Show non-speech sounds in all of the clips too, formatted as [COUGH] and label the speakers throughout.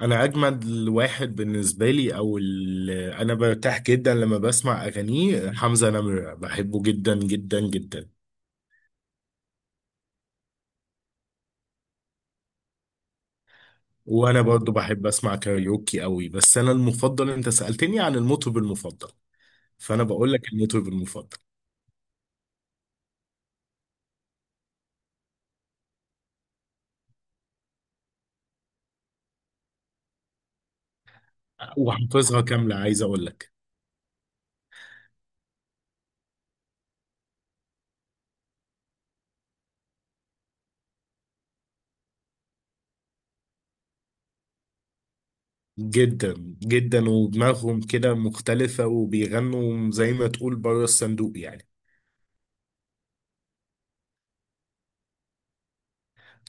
Speaker 1: انا اجمد واحد بالنسبه لي انا برتاح جدا لما بسمع اغانيه حمزه نمره، بحبه جدا جدا جدا. وانا برضو بحب اسمع كاريوكي قوي، بس انا المفضل، انت سالتني عن المطرب المفضل، فانا بقول لك المطرب المفضل. وحافظها كامله عايز اقول لك. جدا. جدا، ودماغهم كده مختلفه وبيغنوا زي ما تقول بره الصندوق يعني.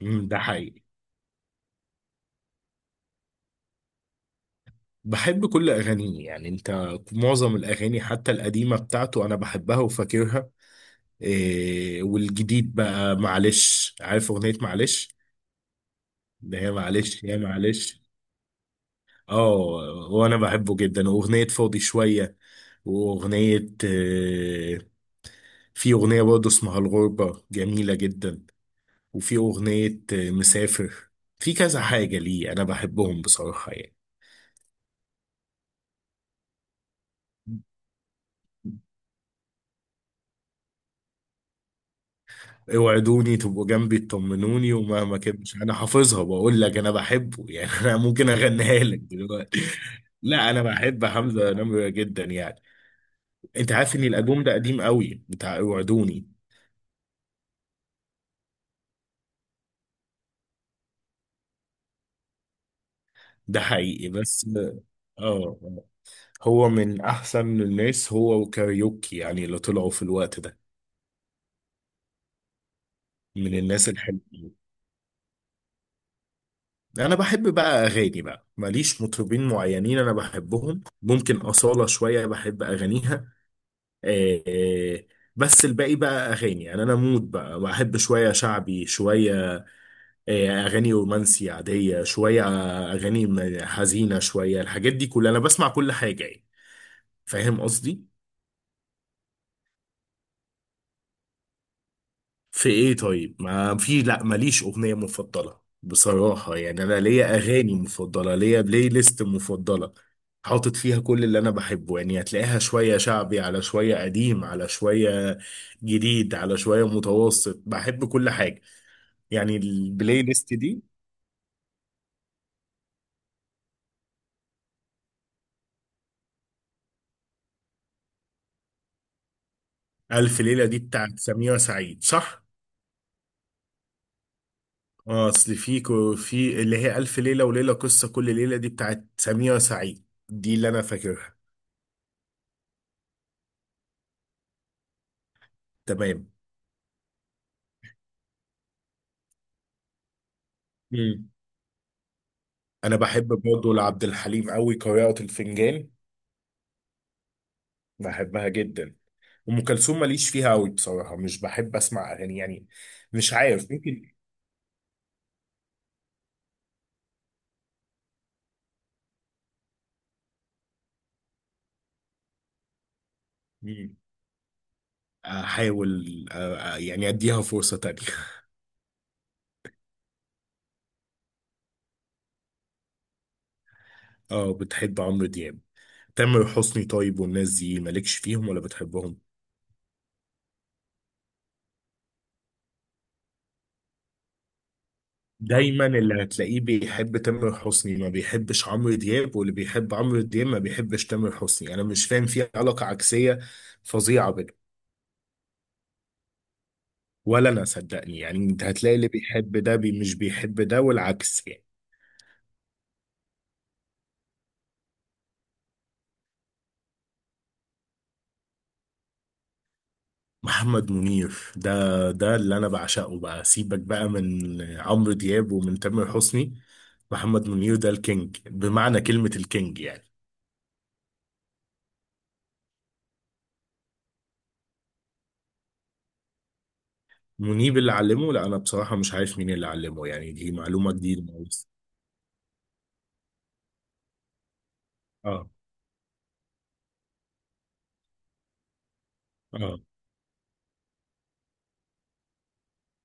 Speaker 1: ده حقيقي. بحب كل أغانيه يعني، أنت معظم الأغاني حتى القديمة بتاعته أنا بحبها وفاكرها. إيه، والجديد بقى معلش، عارف أغنية معلش؟ ده هي معلش يا معلش. اه، وأنا بحبه جدا، وأغنية فاضي شوية، وأغنية إيه، في أغنية برضه اسمها الغربة جميلة جدا، وفي أغنية إيه، مسافر. في كذا حاجة ليه أنا بحبهم بصراحة يعني. اوعدوني تبقوا جنبي تطمنوني ومهما كنتش، انا حافظها، بقول لك انا بحبه يعني [LAUGHS] انا ممكن اغنيها لك دلوقتي. لا، انا بحب حمزة نمرة جدا يعني. انت عارف ان الالبوم ده قديم قوي بتاع اوعدوني؟ ده حقيقي بس اه. آه. هو من احسن الناس، هو وكاريوكي يعني اللي طلعوا في الوقت ده، من الناس الحلوين. انا بحب بقى اغاني، بقى ماليش مطربين معينين انا بحبهم، ممكن أصالة شوية بحب اغانيها آه، بس الباقي بقى اغاني يعني، انا مود بقى بحب شويه شعبي، شويه اغاني رومانسي عاديه، شويه اغاني حزينه، شويه الحاجات دي كلها انا بسمع كل حاجه يعني. فاهم قصدي؟ في ايه طيب؟ ما في، لا ماليش اغنيه مفضله بصراحه يعني، انا ليا اغاني مفضله، ليا بلاي ليست مفضله. حاطط فيها كل اللي انا بحبه يعني، هتلاقيها شويه شعبي على شويه قديم على شويه جديد على شويه متوسط، بحب كل حاجه يعني البلاي ليست دي. ألف ليلة دي بتاعت سميرة سعيد صح؟ اه أصل في اللي هي ألف ليلة وليلة قصة كل ليلة دي بتاعت سميرة سعيد، دي اللي أنا فاكرها. تمام. مم. أنا بحب برضه لعبد الحليم أوي قارئة الفنجان، بحبها جدا. أم كلثوم ماليش فيها أوي بصراحة، مش بحب أسمع أغاني يعني، مش عارف، ممكن. مم. أحاول يعني أديها فرصة تانية [LAUGHS] اه، بتحب عمرو دياب. تامر حسني طيب، والناس دي مالكش فيهم ولا بتحبهم؟ دايما اللي هتلاقيه بيحب تامر حسني ما بيحبش عمرو دياب، واللي بيحب عمرو دياب ما بيحبش تامر حسني، انا مش فاهم، في علاقة عكسية فظيعة بينهم. ولا انا، صدقني يعني، انت هتلاقي اللي بيحب ده بي مش بيحب ده والعكس يعني. محمد منير ده اللي انا بعشقه بقى، سيبك بقى من عمرو دياب ومن تامر حسني. محمد منير ده الكينج، بمعنى كلمة الكينج يعني. منيب اللي علمه؟ لا انا بصراحه مش عارف مين اللي علمه يعني، دي معلومه جديده خالص. اه، اه،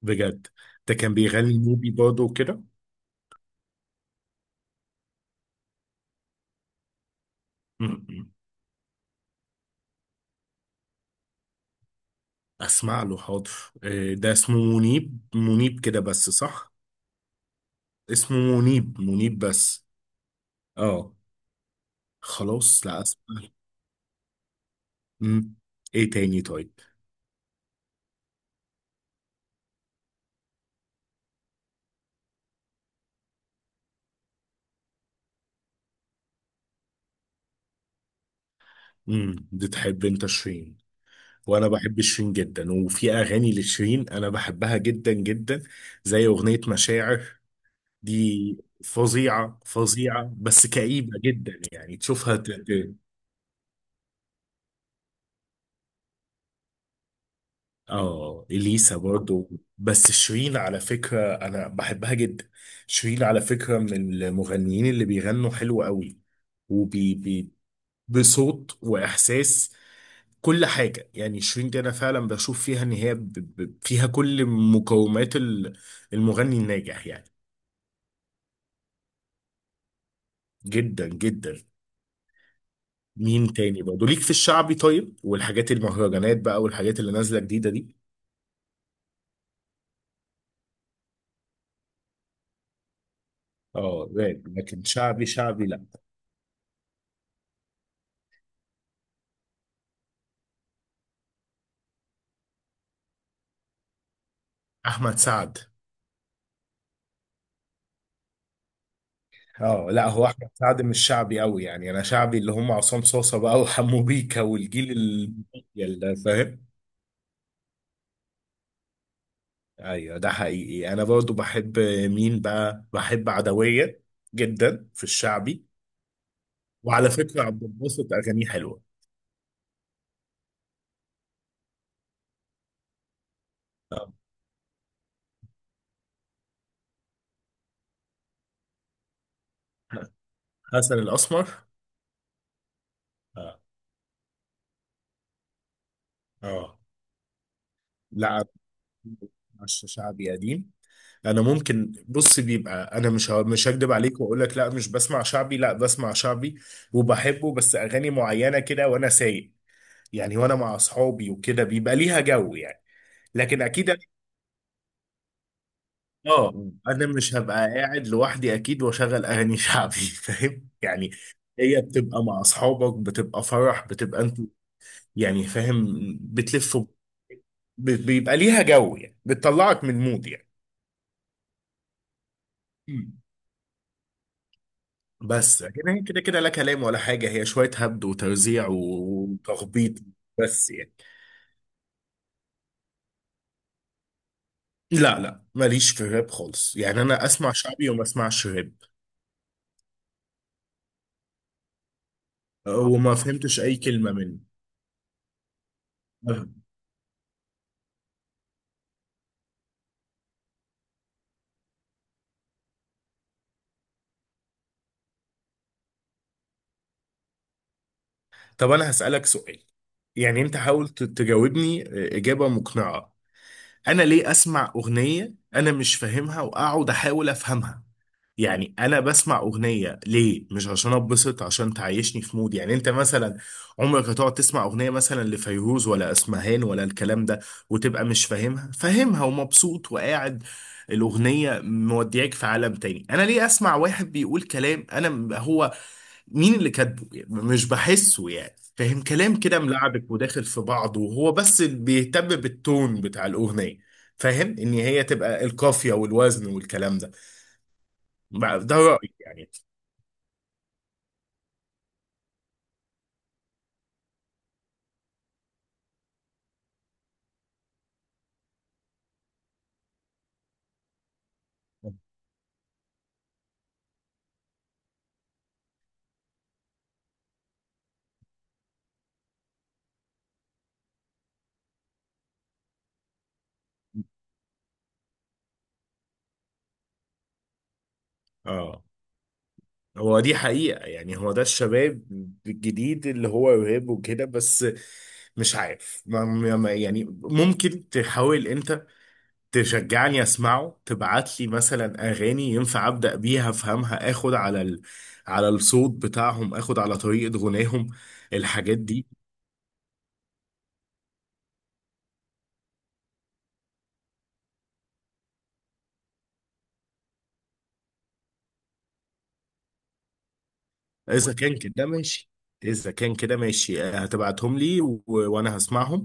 Speaker 1: بجد؟ ده كان بيغني نوبي برضه وكده؟ م-م. اسمع له، حاضر. آه، ده اسمه منيب، منيب كده بس صح؟ اسمه منيب منيب بس. اه، خلاص، لا اسمع له. مم. ايه تاني طيب؟ بتحب انت شيرين؟ وانا بحب شيرين جدا، وفي اغاني لشيرين انا بحبها جدا جدا، زي اغنيه مشاعر دي. فظيعة فظيعة، بس كئيبة جدا يعني، تشوفها اه، اليسا برضو. بس شيرين على فكرة انا بحبها جدا. شيرين على فكرة من المغنيين اللي بيغنوا حلو قوي، وبي بصوت واحساس، كل حاجة يعني. شيرين دي انا فعلا بشوف فيها ان هي فيها كل مقومات المغني الناجح يعني. جدا جدا. مين تاني برضه ليك في الشعبي طيب؟ والحاجات المهرجانات بقى والحاجات اللي نازله جديده دي؟ اه راب، لكن شعبي شعبي لا. احمد سعد. اه لا، هو احمد سعد مش شعبي قوي يعني، انا شعبي اللي هم عصام صاصه بقى وحمو بيكا والجيل اللي فاهم. ايوه ده حقيقي، انا برضو بحب، مين بقى؟ بحب عدويه جدا في الشعبي. وعلى فكره عبد الباسط اغانيه حلوه. آه. حسن الاسمر. اه، اه، لا عش شعبي قديم. انا ممكن، بص، بيبقى انا مش هكدب عليك واقول لك لا مش بسمع شعبي، لا بسمع شعبي وبحبه، بس اغاني معينه كده وانا سايق يعني، وانا مع اصحابي وكده بيبقى ليها جو يعني، لكن اكيد اه، انا مش هبقى قاعد لوحدي اكيد واشغل اغاني شعبي [LAUGHS] فاهم يعني. هي بتبقى مع اصحابك، بتبقى فرح، بتبقى انت يعني، فاهم، بتلف بيبقى ليها جو يعني، بتطلعك من مود يعني. بس لكن هي كده كده لا كلام ولا حاجة، هي شوية هبد وتوزيع وتخبيط بس يعني. لا لا، ماليش في الراب خالص يعني، أنا أسمع شعبي وما أسمعش راب وما فهمتش أي كلمة منه. طب أنا هسألك سؤال، يعني أنت حاول تجاوبني إجابة مقنعة. أنا ليه أسمع أغنية أنا مش فاهمها وأقعد أحاول أفهمها؟ يعني انا بسمع اغنيه ليه؟ مش عشان اتبسط؟ عشان تعيشني في مود يعني. انت مثلا عمرك هتقعد تسمع اغنيه مثلا لفيروز ولا اسمهان ولا الكلام ده وتبقى مش فاهمها؟ فاهمها ومبسوط وقاعد، الاغنيه مودياك في عالم تاني. انا ليه اسمع واحد بيقول كلام انا هو مين اللي كاتبه يعني؟ مش بحسه يعني، فاهم كلام كده ملعبك وداخل في بعضه، وهو بس بيهتم بالتون بتاع الاغنيه. فاهم ان هي تبقى القافيه والوزن والكلام ده، ده رأيي يعني. اه، هو دي حقيقة يعني، هو ده الشباب الجديد اللي هو يهاب وكده بس. مش عارف، يعني ممكن تحاول انت تشجعني اسمعه، تبعت لي مثلا اغاني ينفع ابدا بيها افهمها، اخد على على الصوت بتاعهم، اخد على طريقة غناهم الحاجات دي. اذا كان كده ماشي، اذا كان كده ماشي هتبعتهم لي وانا هسمعهم.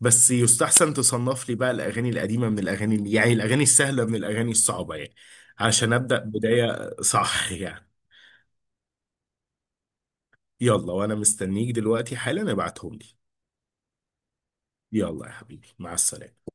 Speaker 1: بس يستحسن تصنف لي بقى الاغاني القديمه من الاغاني يعني الاغاني السهله من الاغاني الصعبه يعني، عشان ابدا بدايه صح [LAUGHS] يعني. يلا وانا مستنيك دلوقتي حالا، ابعتهم لي. يلا يا حبيبي، مع السلامه.